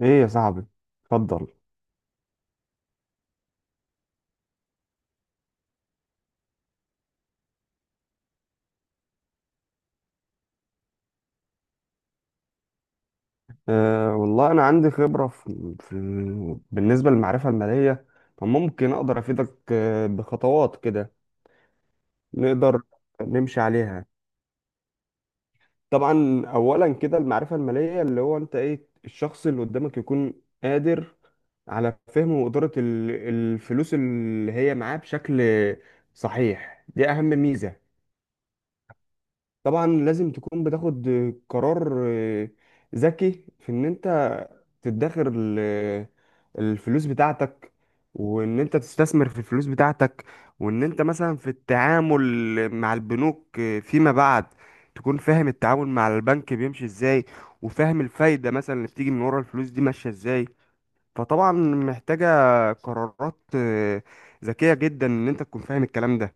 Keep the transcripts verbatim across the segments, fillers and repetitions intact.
ايه يا صاحبي، اتفضل. أه، والله انا عندي خبره في, في بالنسبه للمعرفه الماليه، فممكن اقدر افيدك آه، بخطوات كده نقدر نمشي عليها. طبعا، اولا كده المعرفه الماليه اللي هو انت ايه الشخص اللي قدامك يكون قادر على فهم وإدارة ال- الفلوس اللي هي معاه بشكل صحيح. دي أهم ميزة. طبعا لازم تكون بتاخد قرار آه، ذكي في ان انت تدخر ال- الفلوس بتاعتك، وان انت تستثمر في الفلوس بتاعتك، وان انت مثلا في التعامل مع البنوك آه، فيما بعد تكون فاهم التعامل مع البنك بيمشي ازاي، وفاهم الفايدة مثلا اللي بتيجي من ورا الفلوس دي ماشية ازاي. فطبعا محتاجة قرارات آه، ذكية جدا ان انت تكون فاهم الكلام ده.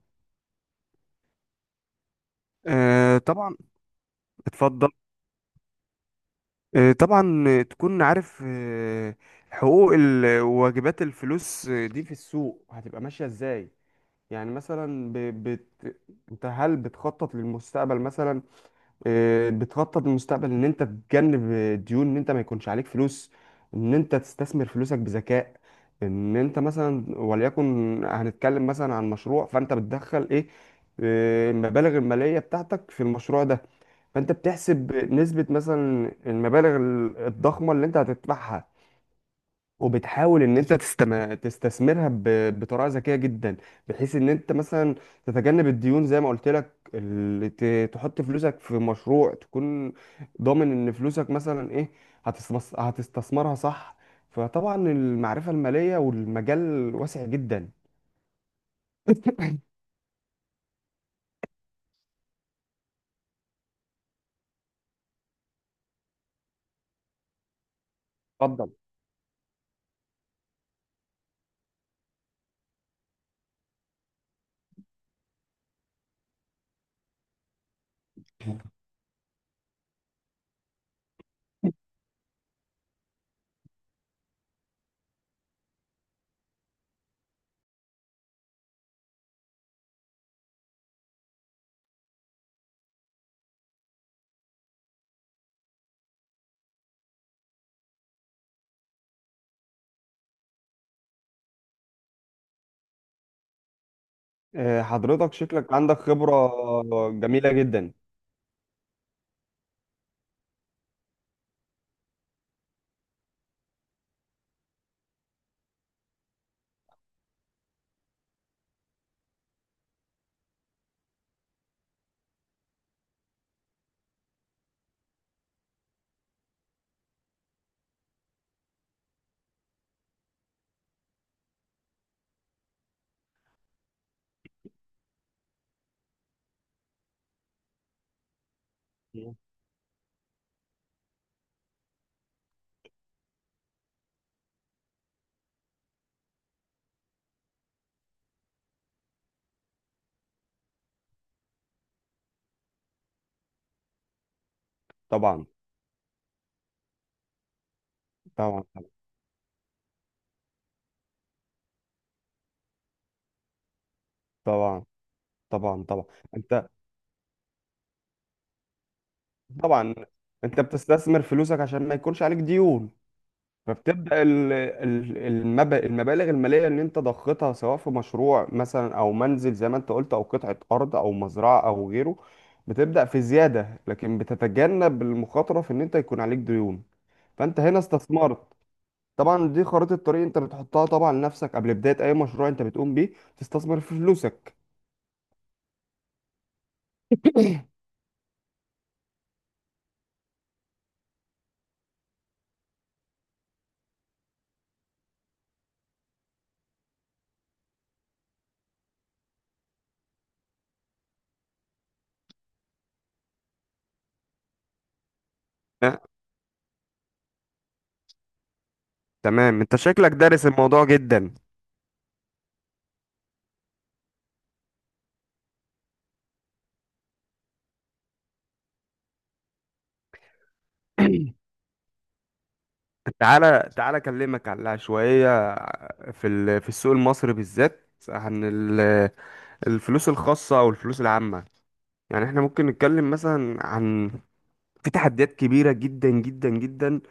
آه، طبعا. اتفضل. آه، طبعا، آه، تكون عارف آه، حقوق ال- وواجبات الفلوس آه، دي في السوق هتبقى ماشية ازاي. يعني مثلا ب- بت... انت هل بتخطط للمستقبل مثلا؟ آه، بتخطط للمستقبل ان انت تتجنب آه، ديون، ان انت ما يكونش عليك فلوس، ان انت تستثمر فلوسك بذكاء، ان انت مثلا وليكن هنتكلم مثلا عن مشروع، فانت بتدخل ايه آه، المبالغ المالية بتاعتك في المشروع ده، فانت بتحسب نسبة مثلا المبالغ ال- الضخمة اللي انت هتدفعها، وبتحاول ان انت تستم... تستثمرها ب... بطريقة ذكية جدا، بحيث ان انت مثلا تتجنب الديون زي ما قلت لك، اللي ت... تحط فلوسك في مشروع تكون ضامن ان فلوسك مثلا ايه هتستمس... هتستثمرها صح. فطبعا المعرفة المالية والمجال واسع جدا. اتفضل. آه، حضرتك شكلك عندك خبرة. جميلة جدا. طبعا. طبعا. طبعا طبعا طبعا. انت. طبعا، انت بتستثمر فلوسك عشان ما يكونش عليك ديون، فبتبدا ال- ال- المب- المبالغ الماليه اللي انت ضختها سواء في مشروع مثلا او منزل زي ما انت قلت، او قطعه ارض او مزرعه او غيره، بتبدا في زياده، لكن بتتجنب المخاطره في ان انت يكون عليك ديون. فانت هنا استثمرت. طبعا دي خريطه الطريق انت بتحطها طبعا لنفسك قبل بدايه اي مشروع انت بتقوم بيه تستثمر في فلوسك. آه، تمام، انت شكلك دارس الموضوع جدا. تعالى تعالى اكلمك على شويه في ال- في السوق المصري بالذات عن ال- الفلوس الخاصه او الفلوس العامه. يعني احنا ممكن نتكلم مثلا عن، في تحديات كبيره جدا جدا جدا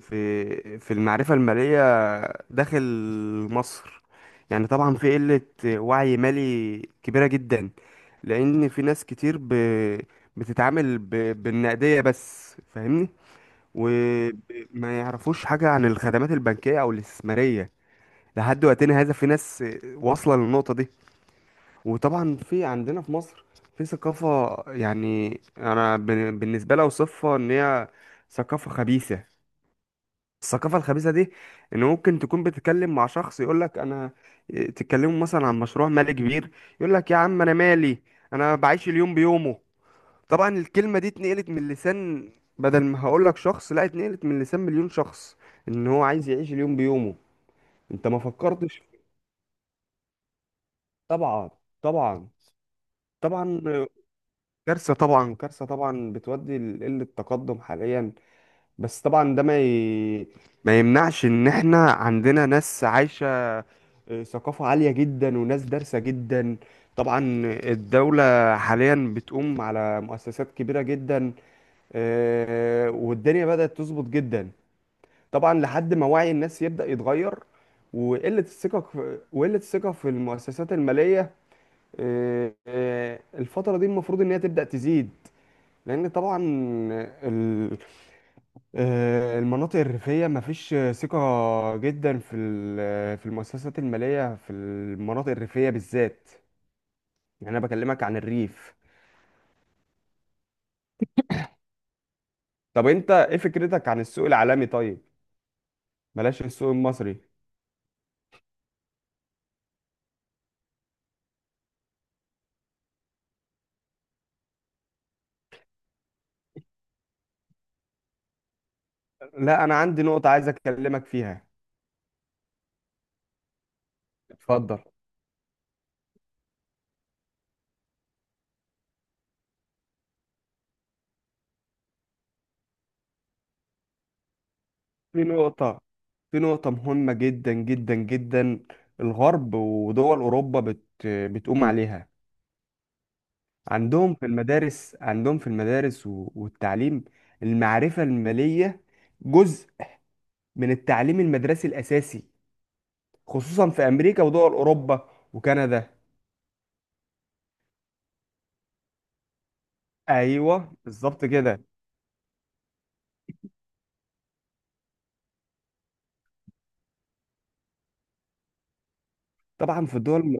في في المعرفه الماليه داخل مصر. يعني طبعا في قله وعي مالي كبيره جدا، لان في ناس كتير ب... بتتعامل ب... بالنقديه بس، فاهمني، وما يعرفوش حاجة عن الخدمات البنكية أو الاستثمارية. لحد وقتنا هذا في ناس واصلة للنقطة دي. وطبعا في عندنا في مصر في ثقافة، يعني أنا بن- بالنسبة لي أوصفها إن هي ثقافة خبيثة. الثقافة الخبيثة دي إن ممكن تكون بتتكلم مع شخص يقولك أنا، تتكلموا مثلا عن مشروع مالي كبير، يقولك يا عم أنا مالي، أنا بعيش اليوم بيومه. طبعا الكلمة دي اتنقلت من لسان، بدل ما هقولك شخص، لا، اتنقلت من لسان مليون شخص، ان هو عايز يعيش اليوم بيومه. انت ما فكرتش. طبعا. طبعا. طبعا كارثة، طبعا كارثة، طبعا بتودي لقلة التقدم حاليا. بس طبعا ده ما ي... ما يمنعش ان احنا عندنا ناس عايشة آه، ثقافة عالية جدا وناس دارسة جدا. طبعا الدولة حاليا بتقوم على مؤسسات كبيرة جدا، آه، والدنيا بدأت تظبط جدا. طبعا لحد ما وعي الناس يبدأ يتغير. وقلة الثقة في، وقلة الثقة في المؤسسات المالية، آه، آه، الفترة دي المفروض إن هي تبدأ تزيد، لأن طبعا ال- آه، المناطق الريفية مفيش ثقة جدا في ال- في المؤسسات المالية في المناطق الريفية بالذات. يعني أنا بكلمك عن الريف. طب أنت إيه فكرتك عن السوق العالمي طيب؟ بلاش السوق المصري. لا، أنا عندي نقطة عايز أكلمك فيها. اتفضل. في نقطة في نقطة مهمة جدا جدا جدا. الغرب ودول أوروبا بت بتقوم عليها. عندهم في المدارس، عندهم في المدارس و- والتعليم، المعرفة المالية جزء من التعليم المدرسي الأساسي، خصوصا في أمريكا ودول أوروبا وكندا. أيوه بالظبط كده. طبعا في الدول الم-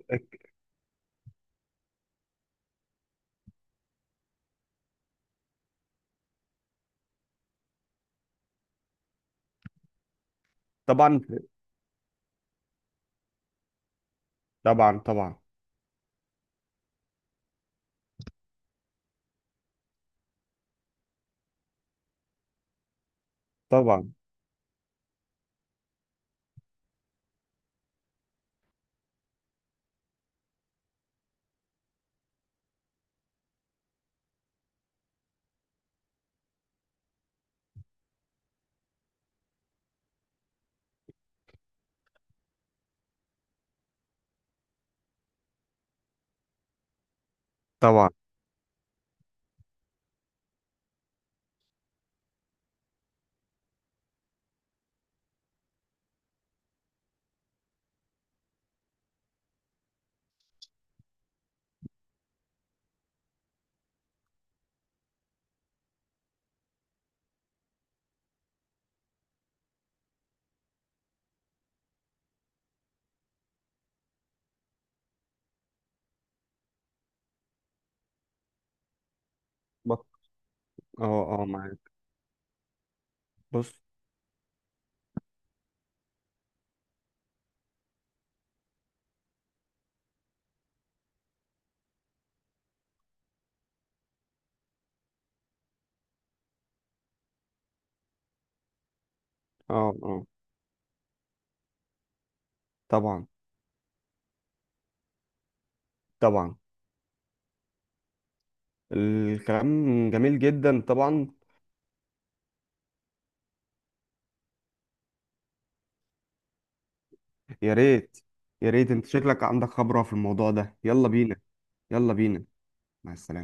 طبعا في- طبعا. طبعا طبعا طبعا بط- اه اه، معاك. بص. اه اه. طبعا طبعا. الكلام جميل جدا طبعا. يا ريت. يا ريت، انت شكلك عندك خبرة في الموضوع ده. يلا بينا. يلا بينا. مع السلامة.